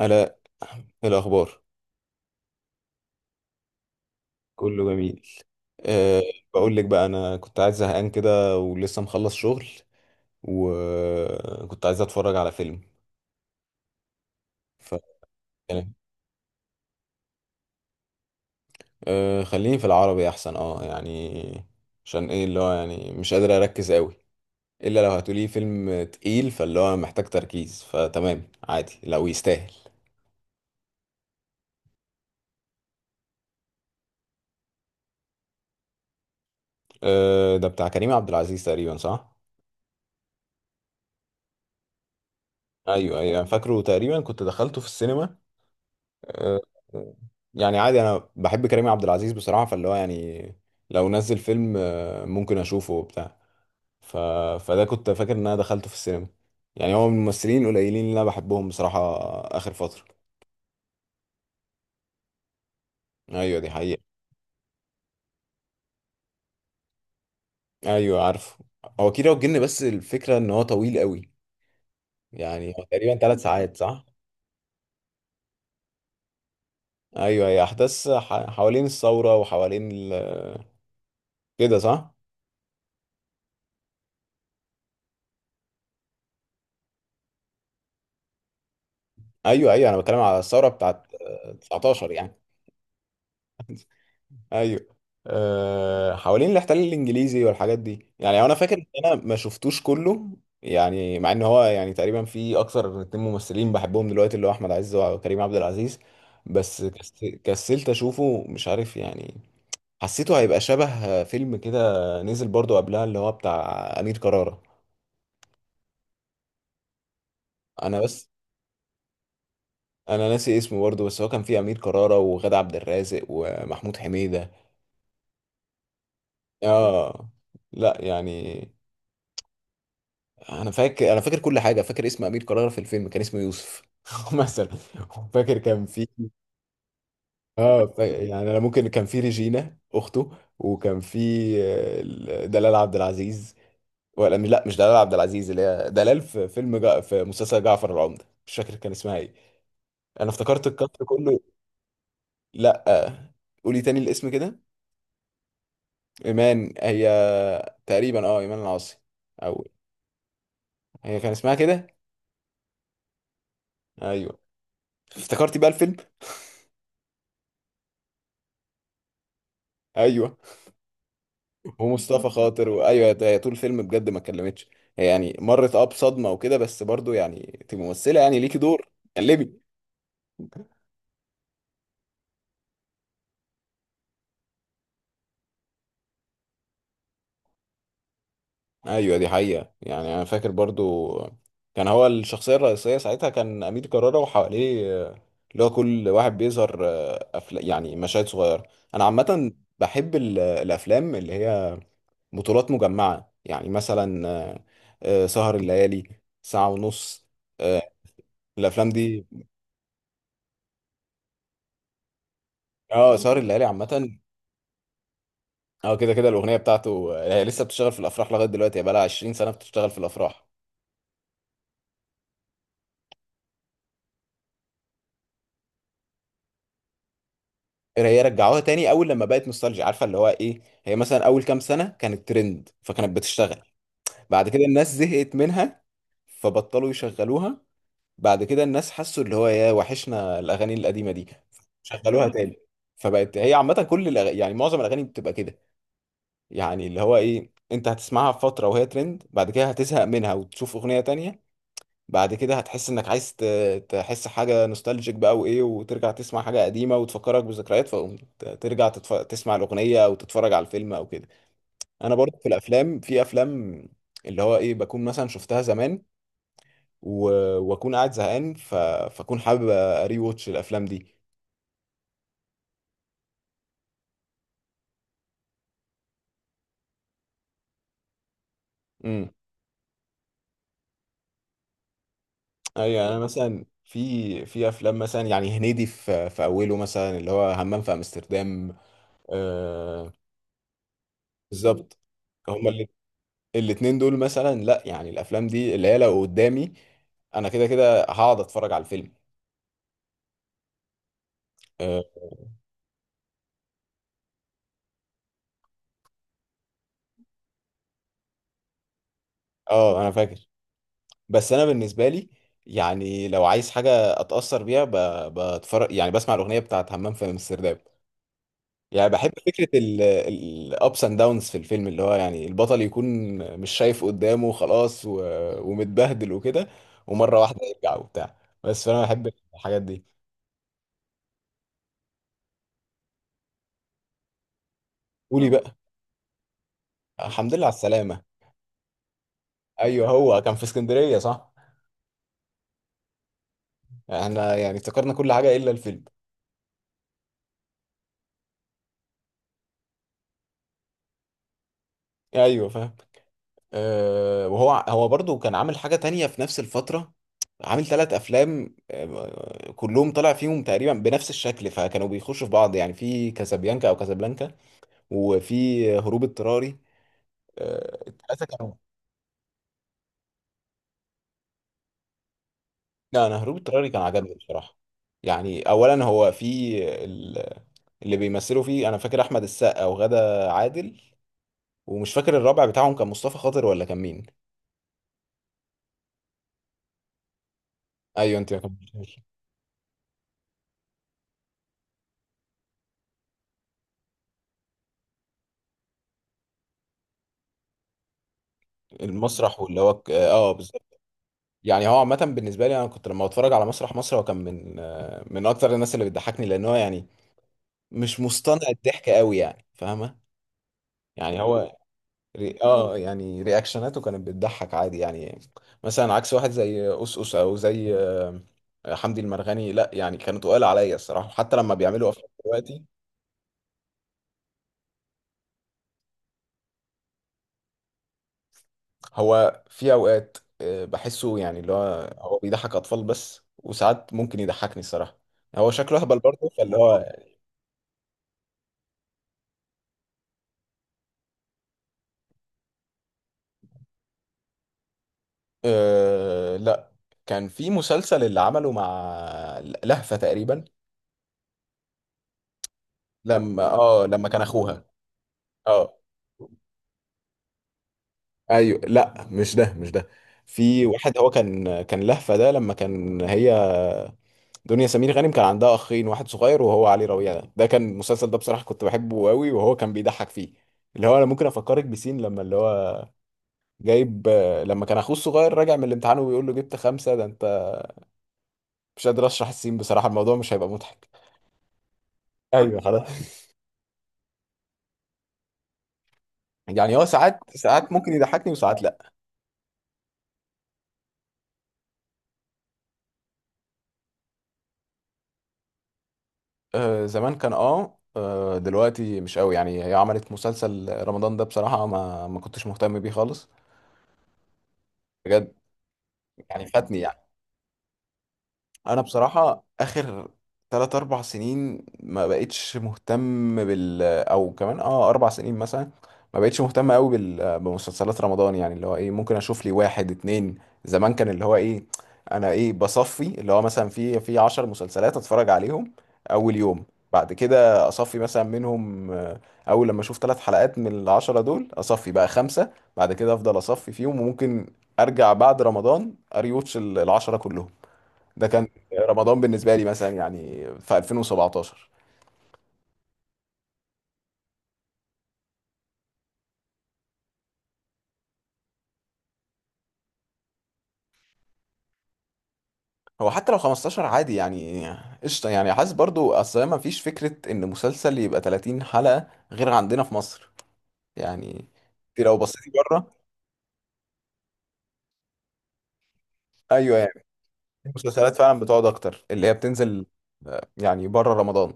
الاء. إيه الاخبار؟ كله جميل. أه. بقول لك بقى، انا كنت عايز زهقان كده ولسه مخلص شغل، وكنت عايز اتفرج على فيلم. ف أه، خليني في العربي احسن، يعني عشان ايه اللي هو يعني مش قادر اركز قوي، الا لو هتقولي فيلم تقيل فاللي هو محتاج تركيز فتمام عادي لو يستاهل. أه، ده بتاع كريم عبد العزيز تقريبا، صح؟ ايوه أنا فاكره تقريبا كنت دخلته في السينما. آه، آه، يعني عادي، انا بحب كريم عبد العزيز بصراحه، فاللي هو يعني لو نزل فيلم ممكن اشوفه وبتاع. ف... فده كنت فاكر ان انا دخلته في السينما، يعني هو من الممثلين القليلين اللي انا بحبهم بصراحه اخر فتره. ايوه، دي حقيقه. ايوه، عارفه هو كيرة والجن، بس الفكره ان هو طويل قوي، يعني هو تقريبا 3 ساعات، صح؟ ايوه، هي احداث حوالين الثوره وحوالين كده، صح. ايوه انا بتكلم على الثوره بتاعت 19 يعني. ايوه، أه، حوالين الاحتلال الانجليزي والحاجات دي، يعني انا فاكر ان انا ما شفتوش كله، يعني مع ان هو يعني تقريبا في اكثر من 2 ممثلين بحبهم دلوقتي، اللي هو احمد عز وكريم عبد العزيز. بس كسلت اشوفه، مش عارف يعني. حسيته هيبقى شبه فيلم كده. نزل برضو قبلها اللي هو بتاع امير كرارة. انا بس، انا ناسي اسمه برضو، بس هو كان فيه امير كرارة وغادة عبد الرازق ومحمود حميدة. اه. لا يعني، انا فاكر كل حاجه، فاكر اسم امير كرارة في الفيلم كان اسمه يوسف مثلا. فاكر كان في. اه، يعني انا ممكن كان في ريجينا اخته، وكان في دلال عبد العزيز. ولا مش، لا مش دلال عبد العزيز، اللي هي دلال في في مسلسل جعفر العمدة، مش فاكر كان اسمها ايه. انا افتكرت الكاست كله. لا، قولي تاني الاسم كده. ايمان، هي تقريبا، اه، ايمان العاصي، او هي كان اسمها كده. ايوه. افتكرتي بقى الفيلم؟ ايوه، ومصطفى خاطر، وايوه هي طول الفيلم بجد ما اتكلمتش. هي يعني مرت، اه، بصدمه وكده، بس برضو يعني تبقى ممثله، يعني ليكي دور. قلبي. ايوه، دي حقيقه. يعني انا فاكر برضو كان هو الشخصيه الرئيسيه ساعتها كان امير كرارة، وحواليه اللي هو كل واحد بيظهر، أفلا يعني مشاهد صغيره. انا عامه بحب الافلام اللي هي بطولات مجمعه، يعني مثلا سهر الليالي، ساعه ونص. آه، الافلام دي. اه، سهر الليالي عامه. اه كده كده، الاغنيه بتاعته هي لسه بتشتغل في الافراح لغايه دلوقتي، هي بقالها 20 سنه بتشتغل في الافراح. إيه، هي رجعوها تاني اول لما بقت نوستالجيا، عارفه اللي هو ايه، هي مثلا اول كام سنه كانت ترند فكانت بتشتغل. بعد كده الناس زهقت منها، فبطلوا يشغلوها. بعد كده الناس حسوا اللي هو يا وحشنا الاغاني القديمه دي، شغلوها تاني. فبقت هي عامه كل يعني معظم الاغاني بتبقى كده. يعني اللي هو ايه، انت هتسمعها في فتره وهي ترند، بعد كده هتزهق منها وتشوف اغنيه تانية. بعد كده هتحس انك عايز تحس حاجه نوستالجيك بقى، وايه وترجع تسمع حاجه قديمه وتفكرك بذكريات، فقوم تسمع الاغنيه او تتفرج على الفيلم او كده. انا برضه في الافلام، في افلام اللي هو ايه بكون مثلا شفتها زمان و... واكون قاعد زهقان، فاكون حابب اري واتش الافلام دي. امم. ايوه انا مثلا في افلام مثلا، يعني هنيدي في اوله مثلا اللي هو همام في امستردام. آه... بالظبط. هما الاتنين دول مثلا، لا يعني الافلام دي اللي هي لو قدامي انا كده كده هقعد اتفرج على الفيلم. اه. انا فاكر. بس انا بالنسبه لي يعني لو عايز حاجه اتاثر بيها، بتفرج يعني بسمع الاغنيه بتاعت همام في امستردام. يعني بحب فكره الابس اند داونز في الفيلم، اللي هو يعني البطل يكون مش شايف قدامه خلاص ومتبهدل وكده، ومره واحده يرجع وبتاع. بس فانا بحب الحاجات دي. قولي بقى. الحمد لله على السلامه. ايوه، هو كان في اسكندريه، صح؟ احنا يعني افتكرنا كل حاجة إلا الفيلم. أيوه فاهم. أه، وهو برضو كان عامل حاجة تانية في نفس الفترة، عامل 3 أفلام كلهم طلع فيهم تقريبا بنفس الشكل فكانوا بيخشوا في بعض، يعني في كازابيانكا أو كازابلانكا، وفي هروب اضطراري. أه، الثلاثة كانوا. لا، أنا هروب اضطراري كان عجبني بصراحة. يعني أولا هو في ال- اللي بيمثلوا فيه أنا فاكر أحمد السقا وغادة عادل، ومش فاكر الرابع بتاعهم كان مصطفى خاطر ولا كان مين. أيوه، أنت ما كملتهاش. المسرح واللي هو بالظبط. يعني هو عامة بالنسبة لي انا كنت لما بتفرج على مسرح مصر هو كان من من اكتر الناس اللي بتضحكني، لان هو يعني مش مصطنع الضحك قوي، يعني فاهمة. يعني هو ري... اه يعني رياكشناته كانت بتضحك عادي يعني، مثلا عكس واحد زي أوس أوس، او زي حمدي المرغني، لا يعني كانوا تقال عليا الصراحة حتى لما بيعملوا افلام دلوقتي. هو في اوقات بحسه يعني اللي هو هو بيضحك اطفال بس، وساعات ممكن يضحكني الصراحة. هو شكله اهبل برضه فاللي هو. أه لا، كان في مسلسل اللي عمله مع لهفة تقريبا. لما اه لما كان اخوها. اه ايوه، لا مش ده، مش ده في واحد، هو كان لهفة ده لما كان هي دنيا سمير غانم كان عندها اخين، واحد صغير وهو علي ربيع. ده كان المسلسل ده بصراحة كنت بحبه قوي، وهو كان بيضحك فيه. اللي هو انا ممكن افكرك بسين لما اللي هو جايب، لما كان اخوه الصغير راجع من الامتحان وبيقول له جبت خمسة ده انت. مش قادر اشرح السين بصراحة، الموضوع مش هيبقى مضحك. ايوه خلاص. يعني هو ساعات ساعات ممكن يضحكني وساعات لا. آه زمان كان اه، دلوقتي مش قوي. يعني هي عملت مسلسل رمضان ده بصراحة ما كنتش مهتم بيه خالص. بجد. يعني فاتني يعني. انا بصراحه اخر 3 4 سنين ما بقتش مهتم بال، او كمان اه 4 سنين مثلا ما بقتش مهتم قوي بمسلسلات رمضان. يعني اللي هو ايه ممكن اشوف لي واحد اتنين. زمان كان اللي هو ايه، انا ايه بصفي اللي هو مثلا في 10 مسلسلات اتفرج عليهم اول يوم. بعد كده اصفي مثلا منهم اول لما اشوف 3 حلقات من العشرة دول اصفي بقى خمسة. بعد كده افضل اصفي فيهم، وممكن ارجع بعد رمضان اريوتش العشرة كلهم. ده كان رمضان بالنسبه لي مثلا، يعني في 2017. هو حتى لو 15 عادي يعني، قشطه يعني، حاسس برضو اصل ما فيش فكره ان مسلسل يبقى 30 حلقه غير عندنا في مصر يعني. انت لو بصيتي بره. ايوه يعني، في مسلسلات فعلا بتقعد اكتر اللي هي بتنزل يعني بره رمضان.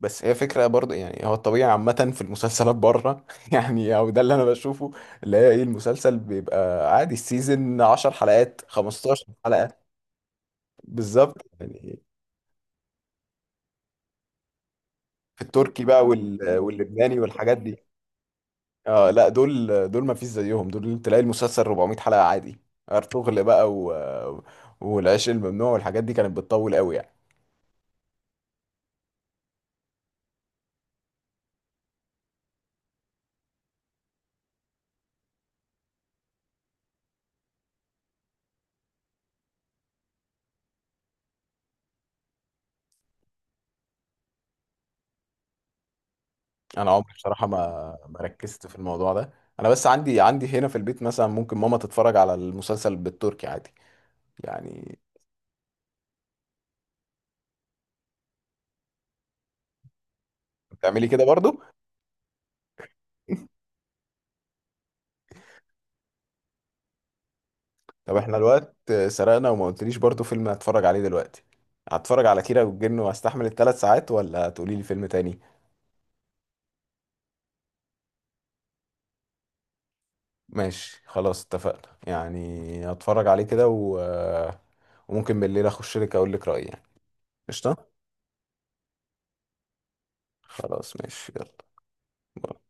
بس هي فكره برضو، يعني هو الطبيعي عامه في المسلسلات بره يعني، او ده اللي انا بشوفه، اللي هي ايه المسلسل بيبقى عادي السيزون 10 حلقات 15 حلقه. بالظبط يعني. في التركي بقى واللبناني والحاجات دي. اه لا، دول ما فيش زيهم، دول تلاقي المسلسل 400 حلقة عادي. ارطغرل بقى والعشق الممنوع والحاجات دي كانت بتطول قوي يعني. انا عمري بصراحة ما ركزت في الموضوع ده. انا بس عندي، عندي هنا في البيت مثلا ممكن ماما تتفرج على المسلسل بالتركي عادي يعني. بتعملي كده برضو. طب احنا الوقت سرقنا وما قلتليش برضو فيلم هتفرج عليه دلوقتي. هتفرج على كيرة والجن واستحمل ال 3 ساعات ولا تقولي لي فيلم تاني. ماشي خلاص اتفقنا، يعني هتفرج عليه كده وممكن بالليل اخش لك اقول لك رأيي يعني. قشطة. خلاص ماشي يلا. باي.